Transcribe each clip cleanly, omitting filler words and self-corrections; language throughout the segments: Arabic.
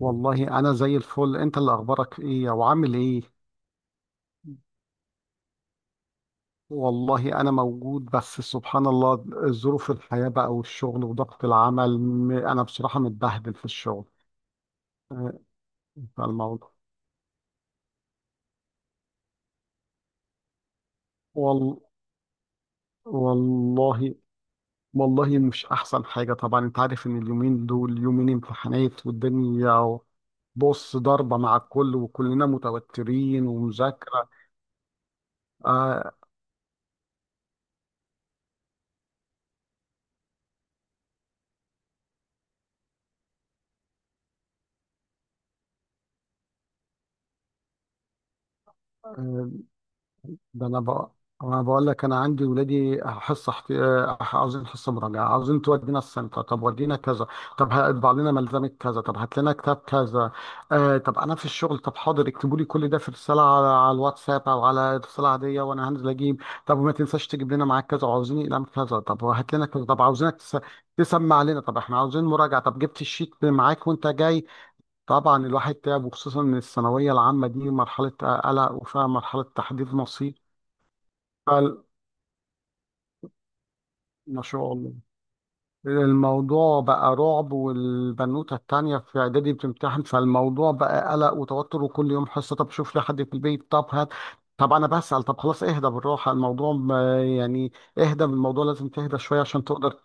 والله أنا زي الفل. أنت اللي أخبارك إيه وعامل إيه؟ والله أنا موجود، بس سبحان الله ظروف الحياة بقى والشغل وضغط العمل. أنا بصراحة متبهدل في الشغل. آه، فالموضوع. وال... والله والله مش أحسن حاجة. طبعا أنت عارف إن اليومين دول يومين امتحانات والدنيا. بص، ضربة مع الكل، وكلنا متوترين ومذاكرة. آه. آه، ده انا بقى، انا بقول لك، انا عندي ولادي حصه احت... آه، عاوزين حصه مراجعه، عاوزين تودينا السنتر، طب ودينا كذا، طب هطبع لنا ملزمه كذا، طب هات لنا كتاب كذا. آه، طب انا في الشغل، طب حاضر اكتبوا لي كل ده في رساله على الواتساب او على رساله عاديه، وانا هنزل اجيب. طب وما تنساش تجيب لنا معاك كذا، وعاوزين اقلام كذا، طب وهات لنا كذا، طب تسمع لنا، طب احنا عاوزين مراجعه، طب جبت الشيت معاك وانت جاي؟ طبعا الواحد تعب، وخصوصا من الثانويه العامه دي مرحله قلق وفيها مرحله تحديد مصير. فال- ما شاء الله. الموضوع بقى رعب، والبنوتة التانية في إعدادي بتمتحن، فالموضوع بقى قلق وتوتر وكل يوم حصة، طب شوف لي حد في البيت، طب هات، طب أنا بسأل، طب خلاص اهدى بالراحة، الموضوع يعني اهدى بالموضوع، لازم تهدى شوية عشان تقدر.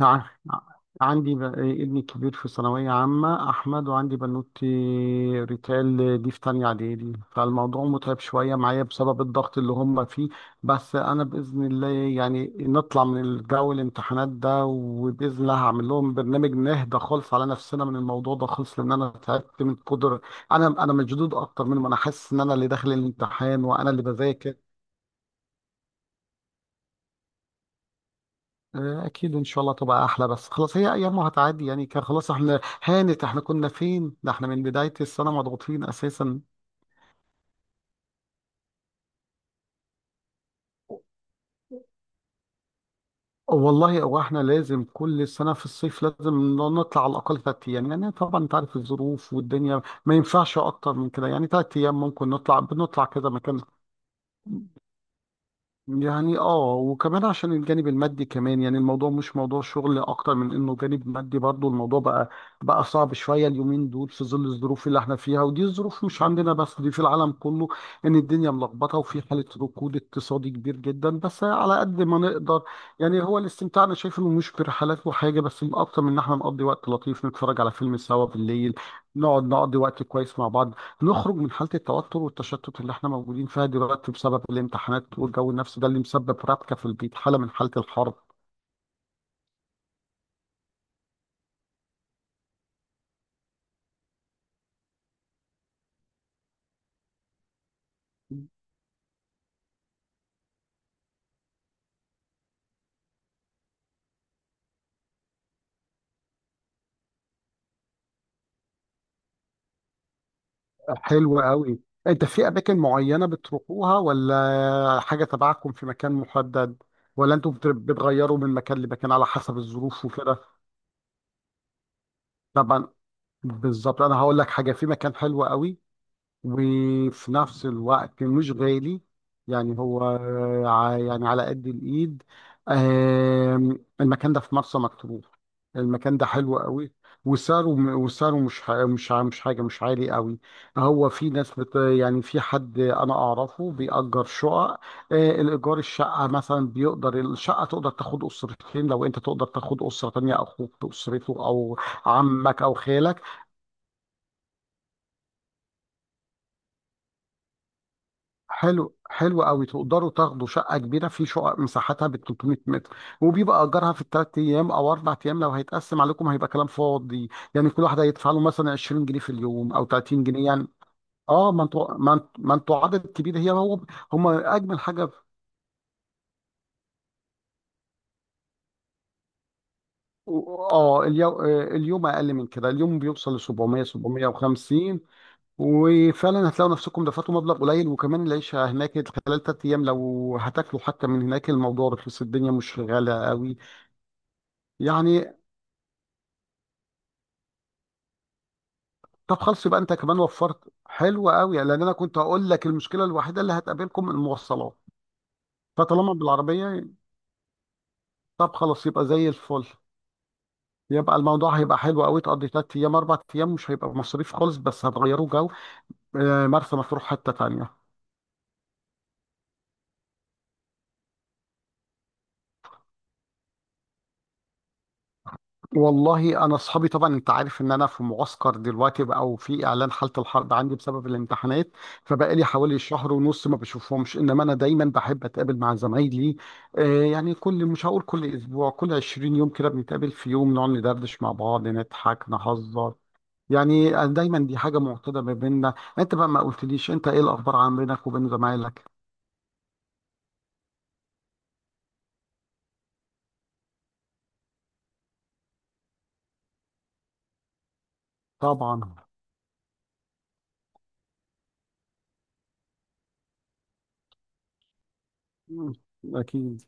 ع- عندي ابني الكبير في ثانوية عامة أحمد، وعندي بنوتي ريتال دي في تانية إعدادي، فالموضوع متعب شوية معايا بسبب الضغط اللي هم فيه. بس أنا بإذن الله يعني نطلع من الجو الامتحانات ده، وبإذن الله هعمل لهم برنامج نهدى خالص على نفسنا من الموضوع ده خالص، لأن أنا تعبت من قدر. أنا مشدود أكتر منهم، أنا حاسس إن أنا اللي داخل الامتحان وأنا اللي بذاكر. اكيد ان شاء الله تبقى احلى، بس خلاص هي ايام وهتعدي يعني، كان خلاص احنا هانت، احنا كنا فين، ده احنا من بداية السنة مضغوطين اساسا. والله هو احنا لازم كل سنة في الصيف لازم نطلع على الاقل ثلاث ايام. يعني طبعا انت عارف الظروف والدنيا، ما ينفعش اكتر من كده، يعني ثلاث ايام ممكن نطلع، بنطلع كذا مكان. يعني اه، وكمان عشان الجانب المادي كمان، يعني الموضوع مش موضوع شغل اكتر من انه جانب مادي برضو، الموضوع بقى صعب شوية اليومين دول في ظل الظروف اللي احنا فيها، ودي الظروف مش عندنا بس، دي في العالم كله. ان الدنيا ملخبطة وفي حالة ركود اقتصادي كبير جدا، بس على قد ما نقدر. يعني هو الاستمتاع انا شايف انه مش برحلات وحاجة بس، اكتر من ان احنا نقضي وقت لطيف، نتفرج على فيلم سوا بالليل، نقعد نقضي وقت كويس مع بعض، نخرج من حالة التوتر والتشتت اللي احنا موجودين فيها دلوقتي بسبب الامتحانات والجو النفسي ده اللي مسبب ربكة في البيت، حالة من حالة الحرب. حلو قوي. انت في اماكن معينة بتروحوها، ولا حاجة تبعكم في مكان محدد، ولا انتوا بتغيروا من مكان لمكان على حسب الظروف وكده؟ طبعا. بالظبط، انا هقول لك حاجة، في مكان حلو قوي، وفي نفس الوقت مش غالي، يعني هو يعني على قد الإيد. المكان ده في مرسى مطروح. المكان ده حلو قوي. وسعره وسعره مش حاجة، مش عالي قوي. هو في ناس يعني في حد أنا أعرفه بيأجر شقق. الإيجار الشقة مثلا بيقدر، الشقة تقدر تاخد أسرتين، لو أنت تقدر تاخد أسرة تانية أخوك بأسرته، أو عمك أو خالك. حلو قوي، تقدروا تاخدوا شقه كبيره، في شقق مساحتها ب 300 متر، وبيبقى اجارها في الثلاث ايام او اربع ايام، لو هيتقسم عليكم هيبقى كلام فاضي. يعني كل واحد هيدفع له مثلا 20 جنيه في اليوم، او 30 جنيه يعني. اه، ما انتوا ما انتوا عدد كبير، هي هو هم اجمل حاجه اه، اليوم اقل من كده، اليوم بيوصل ل 700 750. وفعلا هتلاقوا نفسكم دفعتوا مبلغ قليل، وكمان العيشه هناك خلال ثلاث ايام، لو هتاكلوا حتى من هناك الموضوع رخيص، الدنيا مش غاليه قوي. يعني طب خلاص، يبقى انت كمان وفرت، حلو قوي، لان انا كنت هقول لك المشكله الوحيده اللي هتقابلكم المواصلات، فطالما بالعربيه طب خلاص يبقى زي الفل. يبقى الموضوع هيبقى حلو قوي، تقضي ثلاث ايام اربع ايام، مش هيبقى مصاريف خالص، بس هتغيروا جو. مرسى مطروح حته تانيه. والله انا اصحابي، طبعا انت عارف ان انا في معسكر دلوقتي بقى، وفي اعلان حاله الحرب عندي بسبب الامتحانات، فبقى لي حوالي شهر ونص ما بشوفهمش، انما انا دايما بحب اتقابل مع زمايلي. آه يعني كل، مش هقول كل اسبوع، كل 20 يوم كده بنتقابل في يوم، نقعد ندردش مع بعض، نضحك نهزر، يعني أنا دايما دي حاجه معتاده ما بيننا. انت بقى ما قلتليش، انت ايه الاخبار، عن بينك وبين زمايلك؟ طبعا. مم. اكيد.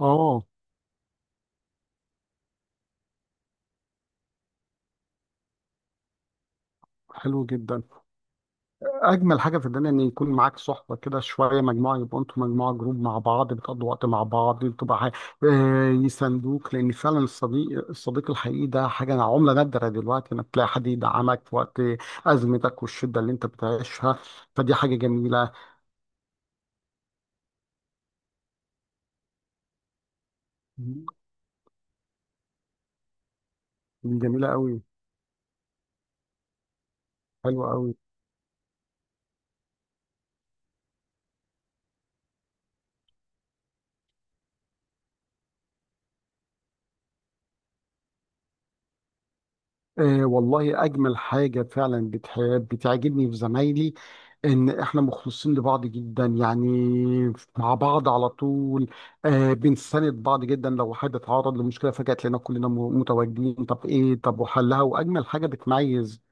اه. حلو جدا. اجمل حاجه في الدنيا ان يكون معاك صحبه كده، شويه مجموعه، يبقوا انتوا مجموعه جروب مع بعض، بتقضوا وقت مع بعض، بتبقى يساندوك، لان فعلا الصديق الصديق الحقيقي ده حاجه عمله نادره دلوقتي، انك تلاقي حد يدعمك في وقت ازمتك والشده اللي انت بتعيشها، فدي حاجه جميله قوي. حلوه قوي. آه والله أجمل حاجة فعلا بتعجبني في زمايلي، إن إحنا مخلصين لبعض جدا، يعني مع بعض على طول. آه، بنساند بعض جدا، لو حد اتعرض لمشكلة فجأة تلاقينا كلنا متواجدين، طب إيه طب وحلها. وأجمل حاجة بتميز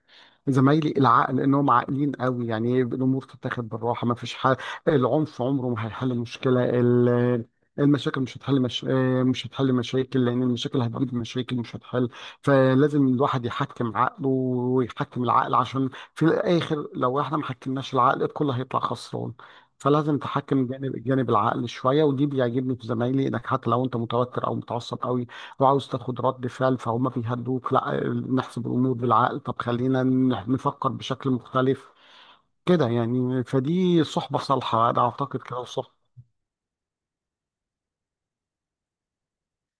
زمايلي العقل، انهم عاقلين قوي يعني، إيه، الامور تتاخد بالراحه، ما فيش حل. العنف عمره ما هيحل مشكله المشاكل، مش هتحل، مش هتحل مشاكل، لان المشاكل هتجيب مشاكل، مش هتحل. فلازم الواحد يحكم عقله ويحكم العقل، عشان في الاخر لو احنا ما حكمناش العقل الكل هيطلع خسران. فلازم تحكم جانب العقل شويه، ودي بيعجبني في زمايلي، انك حتى لو انت متوتر او متعصب قوي وعاوز تاخد رد فعل، فهم بيهدوك، لا نحسب الامور بالعقل، طب خلينا نفكر بشكل مختلف كده يعني. فدي صحبه صالحه، انا اعتقد كده الصحبه.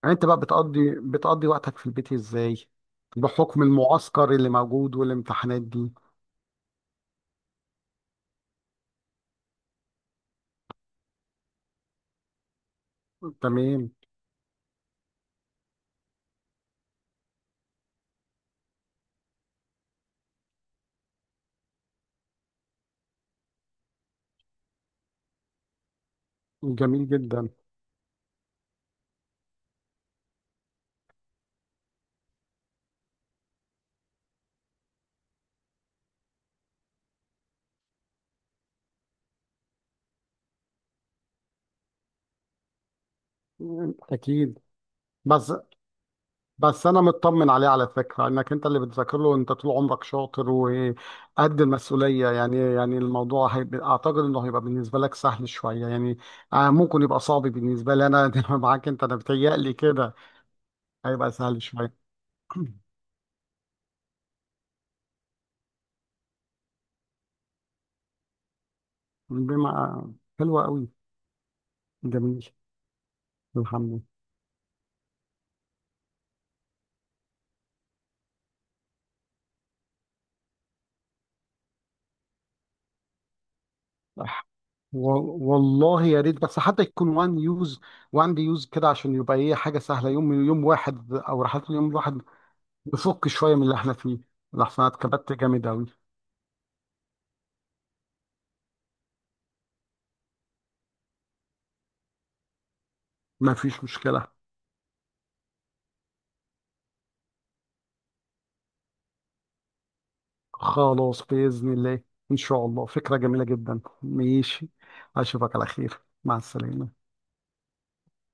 يعني انت بقى بتقضي وقتك في البيت ازاي، بحكم المعسكر اللي موجود والامتحانات دي؟ تمام. جميل جدا. اكيد. بس بس انا مطمن عليه على فكره، انك انت اللي بتذاكر له، وانت طول عمرك شاطر وقد المسؤوليه، يعني يعني الموضوع هيبقى، اعتقد انه هيبقى بالنسبه لك سهل شويه يعني. ممكن يبقى صعب بالنسبه لي انا معاك انت، انا بتهيألي كده، هيبقى سهل شويه. بما حلوه قوي. جميل. الحمد لله. والله يا ريت، بس حتى يكون وان يوز، وان دي يوز كده، عشان يبقى ايه، حاجه سهله، يوم، يوم واحد او رحلات اليوم الواحد، نفك شوية من اللي احنا فيه، لحسن انا اتكبت جامد أوي. مفيش مشكلة، خلاص بإذن الله. إن شاء الله فكرة جميلة جدا. ماشي. أشوفك على خير، مع السلامة.